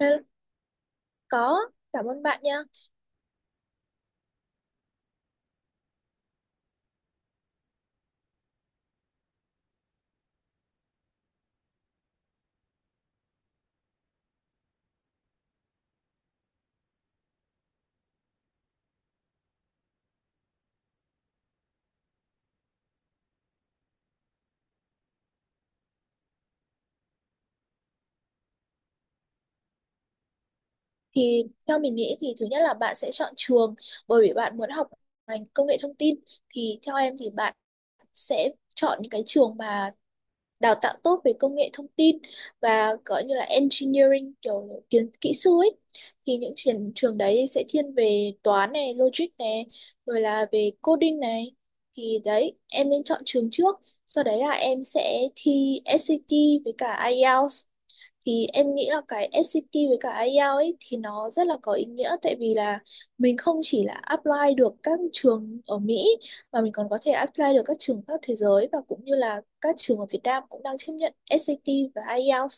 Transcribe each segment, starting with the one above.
Hello, có, cảm ơn bạn nha. Thì theo mình nghĩ thì thứ nhất là bạn sẽ chọn trường bởi vì bạn muốn học ngành công nghệ thông tin. Thì theo em thì bạn sẽ chọn những cái trường mà đào tạo tốt về công nghệ thông tin và có như là engineering kiểu kiến kỹ sư ấy. Thì những trường trường đấy sẽ thiên về toán này, logic này, rồi là về coding này. Thì đấy, em nên chọn trường trước. Sau đấy là em sẽ thi SAT với cả IELTS. Thì em nghĩ là cái SAT với cả IELTS ấy thì nó rất là có ý nghĩa tại vì là mình không chỉ là apply được các trường ở Mỹ mà mình còn có thể apply được các trường khắp thế giới và cũng như là các trường ở Việt Nam cũng đang chấp nhận SAT và IELTS.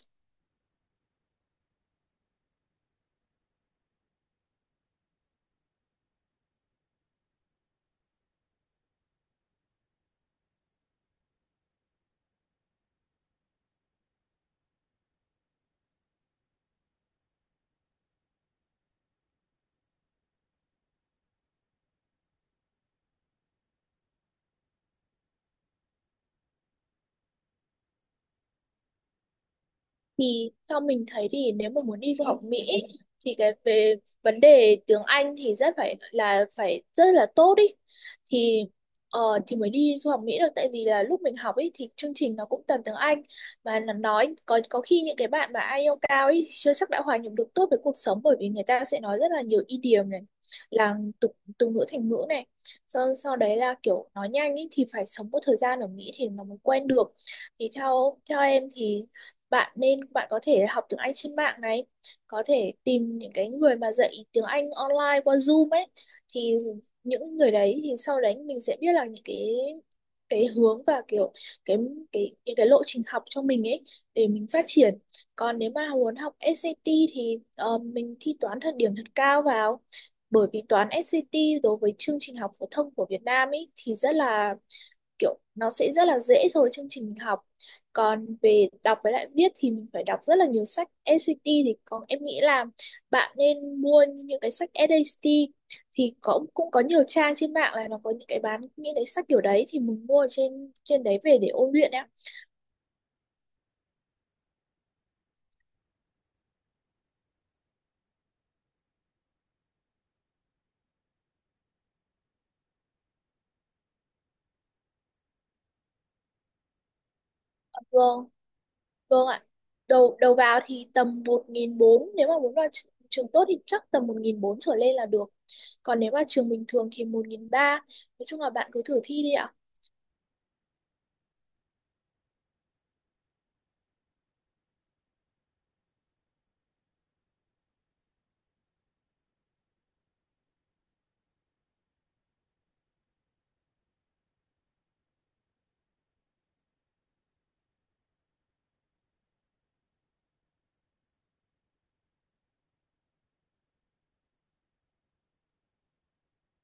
Thì theo mình thấy thì nếu mà muốn đi du học Mỹ ấy, thì cái về vấn đề tiếng Anh thì rất phải là phải rất là tốt ý. Thì ờ, thì mới đi du học Mỹ được tại vì là lúc mình học ấy thì chương trình nó cũng toàn tiếng Anh và nó nói có khi những cái bạn mà IELTS cao ấy chưa chắc đã hòa nhập được tốt với cuộc sống bởi vì người ta sẽ nói rất là nhiều idiom này, là tục tục ngữ thành ngữ này, sau sau đấy là kiểu nói nhanh ấy thì phải sống một thời gian ở Mỹ thì nó mới quen được. Thì theo theo em thì bạn nên, bạn có thể học tiếng Anh trên mạng này, có thể tìm những cái người mà dạy tiếng Anh online qua Zoom ấy. Thì những người đấy thì sau đấy mình sẽ biết là những cái hướng và kiểu cái cái những cái lộ trình học cho mình ấy để mình phát triển. Còn nếu mà muốn học SAT thì mình thi toán thật điểm thật cao vào, bởi vì toán SAT đối với chương trình học phổ thông của Việt Nam ấy thì rất là kiểu nó sẽ rất là dễ so với chương trình mình học. Còn về đọc với lại viết thì mình phải đọc rất là nhiều sách SAT. Thì còn em nghĩ là bạn nên mua những cái sách SAT, thì có, cũng có nhiều trang trên mạng là nó có những cái bán những cái sách kiểu đấy thì mình mua trên trên đấy về để ôn luyện, em. Vâng, vâng ạ. Đầu đầu vào thì tầm 1.400, nếu mà muốn vào trường tốt thì chắc tầm 1.400 trở lên là được. Còn nếu mà trường bình thường thì 1.300. Nói chung là bạn cứ thử thi đi ạ.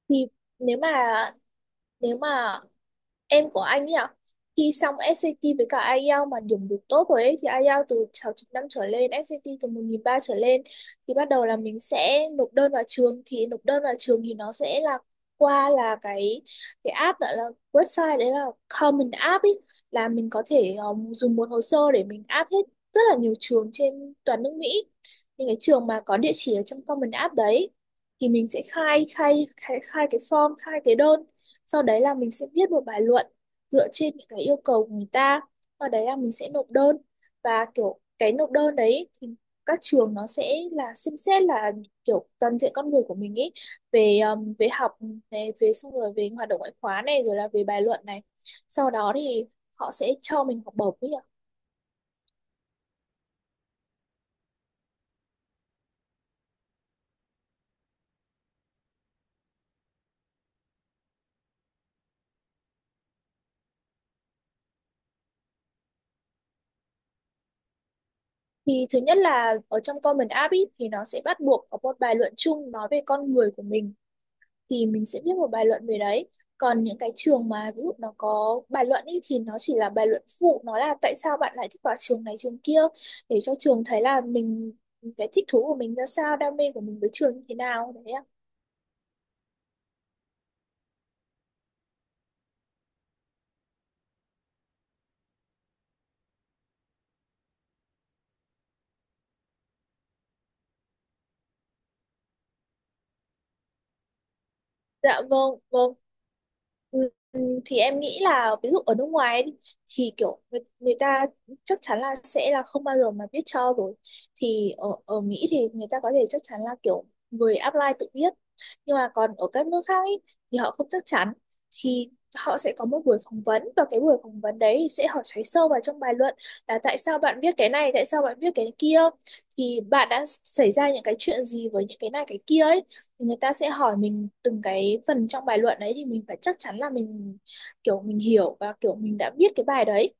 Thì nếu mà nếu mà em của anh ấy ạ, thi xong SAT với cả IELTS mà điểm được tốt rồi ấy, thì IELTS từ 6 năm trở lên, SAT từ 1.300 trở lên, thì bắt đầu là mình sẽ nộp đơn vào trường. Thì nộp đơn vào trường thì nó sẽ là qua là cái app gọi là website đấy là Common App ấy, là mình có thể dùng một hồ sơ để mình áp hết rất là nhiều trường trên toàn nước Mỹ, những cái trường mà có địa chỉ ở trong Common App đấy. Thì mình sẽ khai khai khai khai cái form, khai cái đơn, sau đấy là mình sẽ viết một bài luận dựa trên những cái yêu cầu của người ta. Ở đấy là mình sẽ nộp đơn, và kiểu cái nộp đơn đấy thì các trường nó sẽ là xem xét là kiểu toàn diện con người của mình ý, về về học này, về xong rồi về hoạt động ngoại khóa này, rồi là về bài luận này. Sau đó thì họ sẽ cho mình học bổng ấy ạ. Thì thứ nhất là ở trong Common App ý, thì nó sẽ bắt buộc có một bài luận chung nói về con người của mình, thì mình sẽ viết một bài luận về đấy. Còn những cái trường mà ví dụ nó có bài luận ý, thì nó chỉ là bài luận phụ, nó là tại sao bạn lại thích vào trường này trường kia, để cho trường thấy là mình, cái thích thú của mình ra sao, đam mê của mình với trường như thế nào đấy ạ. Dạ vâng, vâng. Ừ, ừ, thì em nghĩ là ví dụ ở nước ngoài ấy đi, thì kiểu người ta chắc chắn là sẽ là không bao giờ mà biết cho rồi. Thì ở ở Mỹ thì người ta có thể chắc chắn là kiểu người apply tự biết. Nhưng mà còn ở các nước khác ý, thì họ không chắc chắn. Thì họ sẽ có một buổi phỏng vấn và cái buổi phỏng vấn đấy thì sẽ hỏi xoáy sâu vào trong bài luận, là tại sao bạn viết cái này, tại sao bạn viết cái kia. Thì bạn đã xảy ra những cái chuyện gì với những cái này cái kia ấy, thì người ta sẽ hỏi mình từng cái phần trong bài luận đấy, thì mình phải chắc chắn là mình kiểu mình hiểu và kiểu mình đã biết cái bài đấy.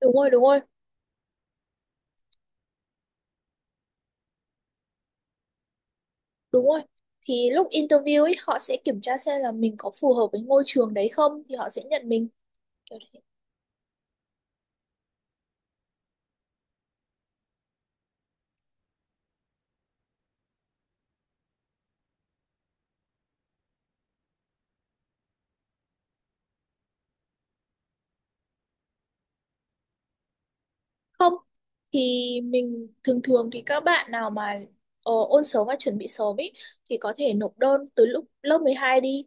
Đúng rồi, đúng rồi, đúng rồi. Thì lúc interview ấy họ sẽ kiểm tra xem là mình có phù hợp với ngôi trường đấy không, thì họ sẽ nhận mình, kiểu thế. Không, thì mình thường thường thì các bạn nào mà ôn sớm và chuẩn bị sớm ý, thì có thể nộp đơn từ lúc lớp 12 đi.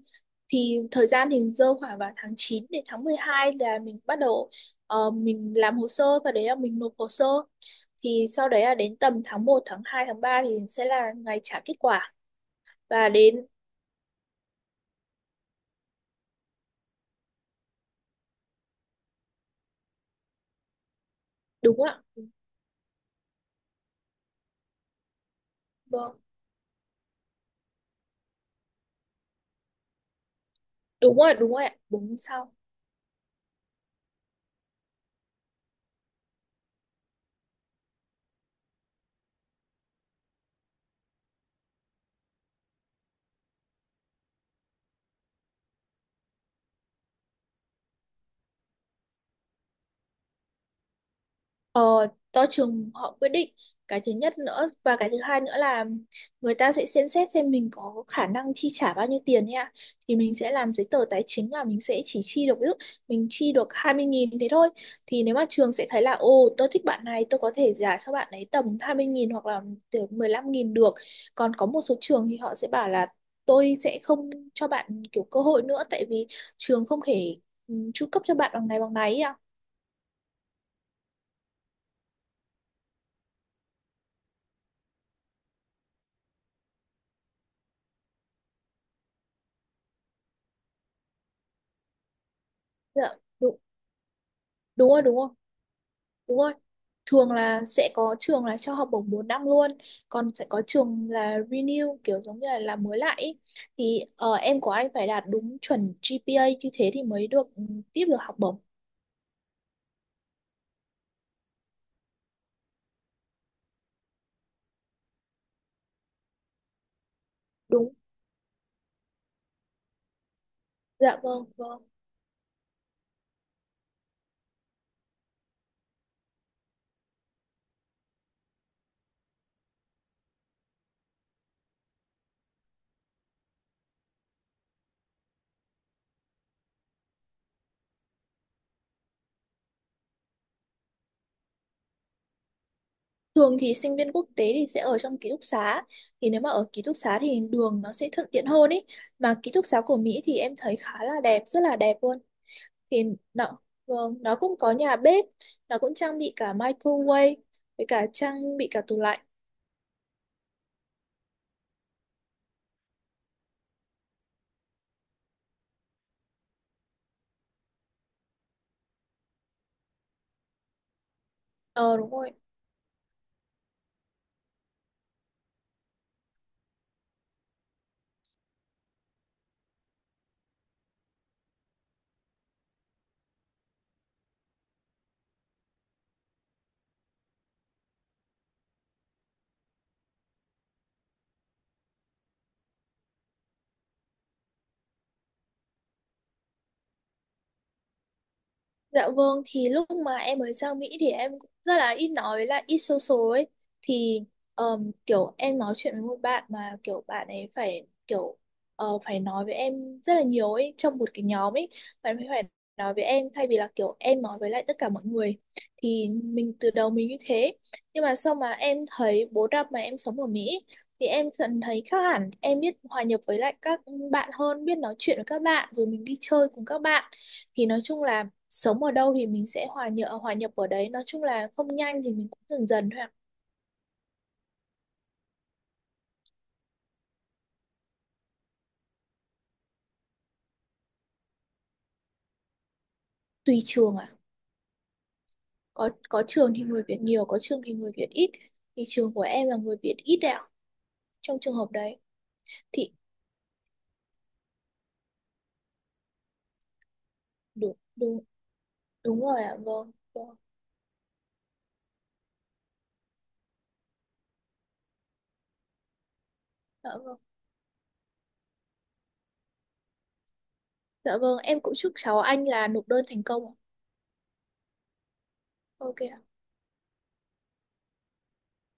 Thì thời gian thì rơi khoảng vào tháng 9 đến tháng 12 là mình bắt đầu mình làm hồ sơ, và đấy là mình nộp hồ sơ. Thì sau đấy là đến tầm tháng 1, tháng 2, tháng 3 thì sẽ là ngày trả kết quả. Và đến, đúng ạ, vâng, đúng rồi, ạ, đúng sau. Ờ, do trường họ quyết định. Cái thứ nhất nữa, và cái thứ hai nữa là người ta sẽ xem xét xem mình có khả năng chi trả bao nhiêu tiền nha. Thì mình sẽ làm giấy tờ tài chính là mình sẽ chỉ chi được, ví dụ mình chi được 20.000 thế thôi, thì nếu mà trường sẽ thấy là ồ tôi thích bạn này, tôi có thể trả cho bạn ấy tầm 20.000 hoặc là từ 15.000 được. Còn có một số trường thì họ sẽ bảo là tôi sẽ không cho bạn kiểu cơ hội nữa, tại vì trường không thể chu cấp cho bạn bằng này ấy à. Dạ đúng, đúng rồi, đúng rồi. Đúng rồi. Thường là sẽ có trường là cho học bổng 4 năm luôn, còn sẽ có trường là renew kiểu giống như là làm mới lại ý. Thì em của anh phải đạt đúng chuẩn GPA như thế thì mới được tiếp được học bổng. Đúng. Dạ vâng, vâng. Thường thì sinh viên quốc tế thì sẽ ở trong ký túc xá. Thì nếu mà ở ký túc xá thì đường nó sẽ thuận tiện hơn ấy. Mà ký túc xá của Mỹ thì em thấy khá là đẹp, rất là đẹp luôn. Thì nó, vâng, nó cũng có nhà bếp, nó cũng trang bị cả microwave với cả trang bị cả tủ lạnh. Ờ, đúng rồi. Dạ vâng, thì lúc mà em mới sang Mỹ thì em cũng rất là ít nói với lại ít social ấy. Thì kiểu em nói chuyện với một bạn mà kiểu bạn ấy phải kiểu phải nói với em rất là nhiều ấy, trong một cái nhóm ấy. Bạn ấy phải nói với em thay vì là kiểu em nói với lại tất cả mọi người. Thì mình từ đầu mình như thế. Nhưng mà sau mà em thấy 4 năm mà em sống ở Mỹ thì em dần thấy khác hẳn. Em biết hòa nhập với lại các bạn hơn, biết nói chuyện với các bạn, rồi mình đi chơi cùng các bạn. Thì nói chung là sống ở đâu thì mình sẽ hòa nhập, hòa nhập ở đấy, nói chung là không nhanh thì mình cũng dần dần thôi ạ. Tùy trường ạ. Có trường thì người Việt nhiều, có trường thì người Việt ít, thì trường của em là người Việt ít đấy ạ, trong trường hợp đấy. Thì đúng, đúng, đúng rồi ạ, vâng, vâng. Dạ vâng, dạ vâng, em cũng chúc cháu anh là nộp đơn thành công ạ. OK ạ.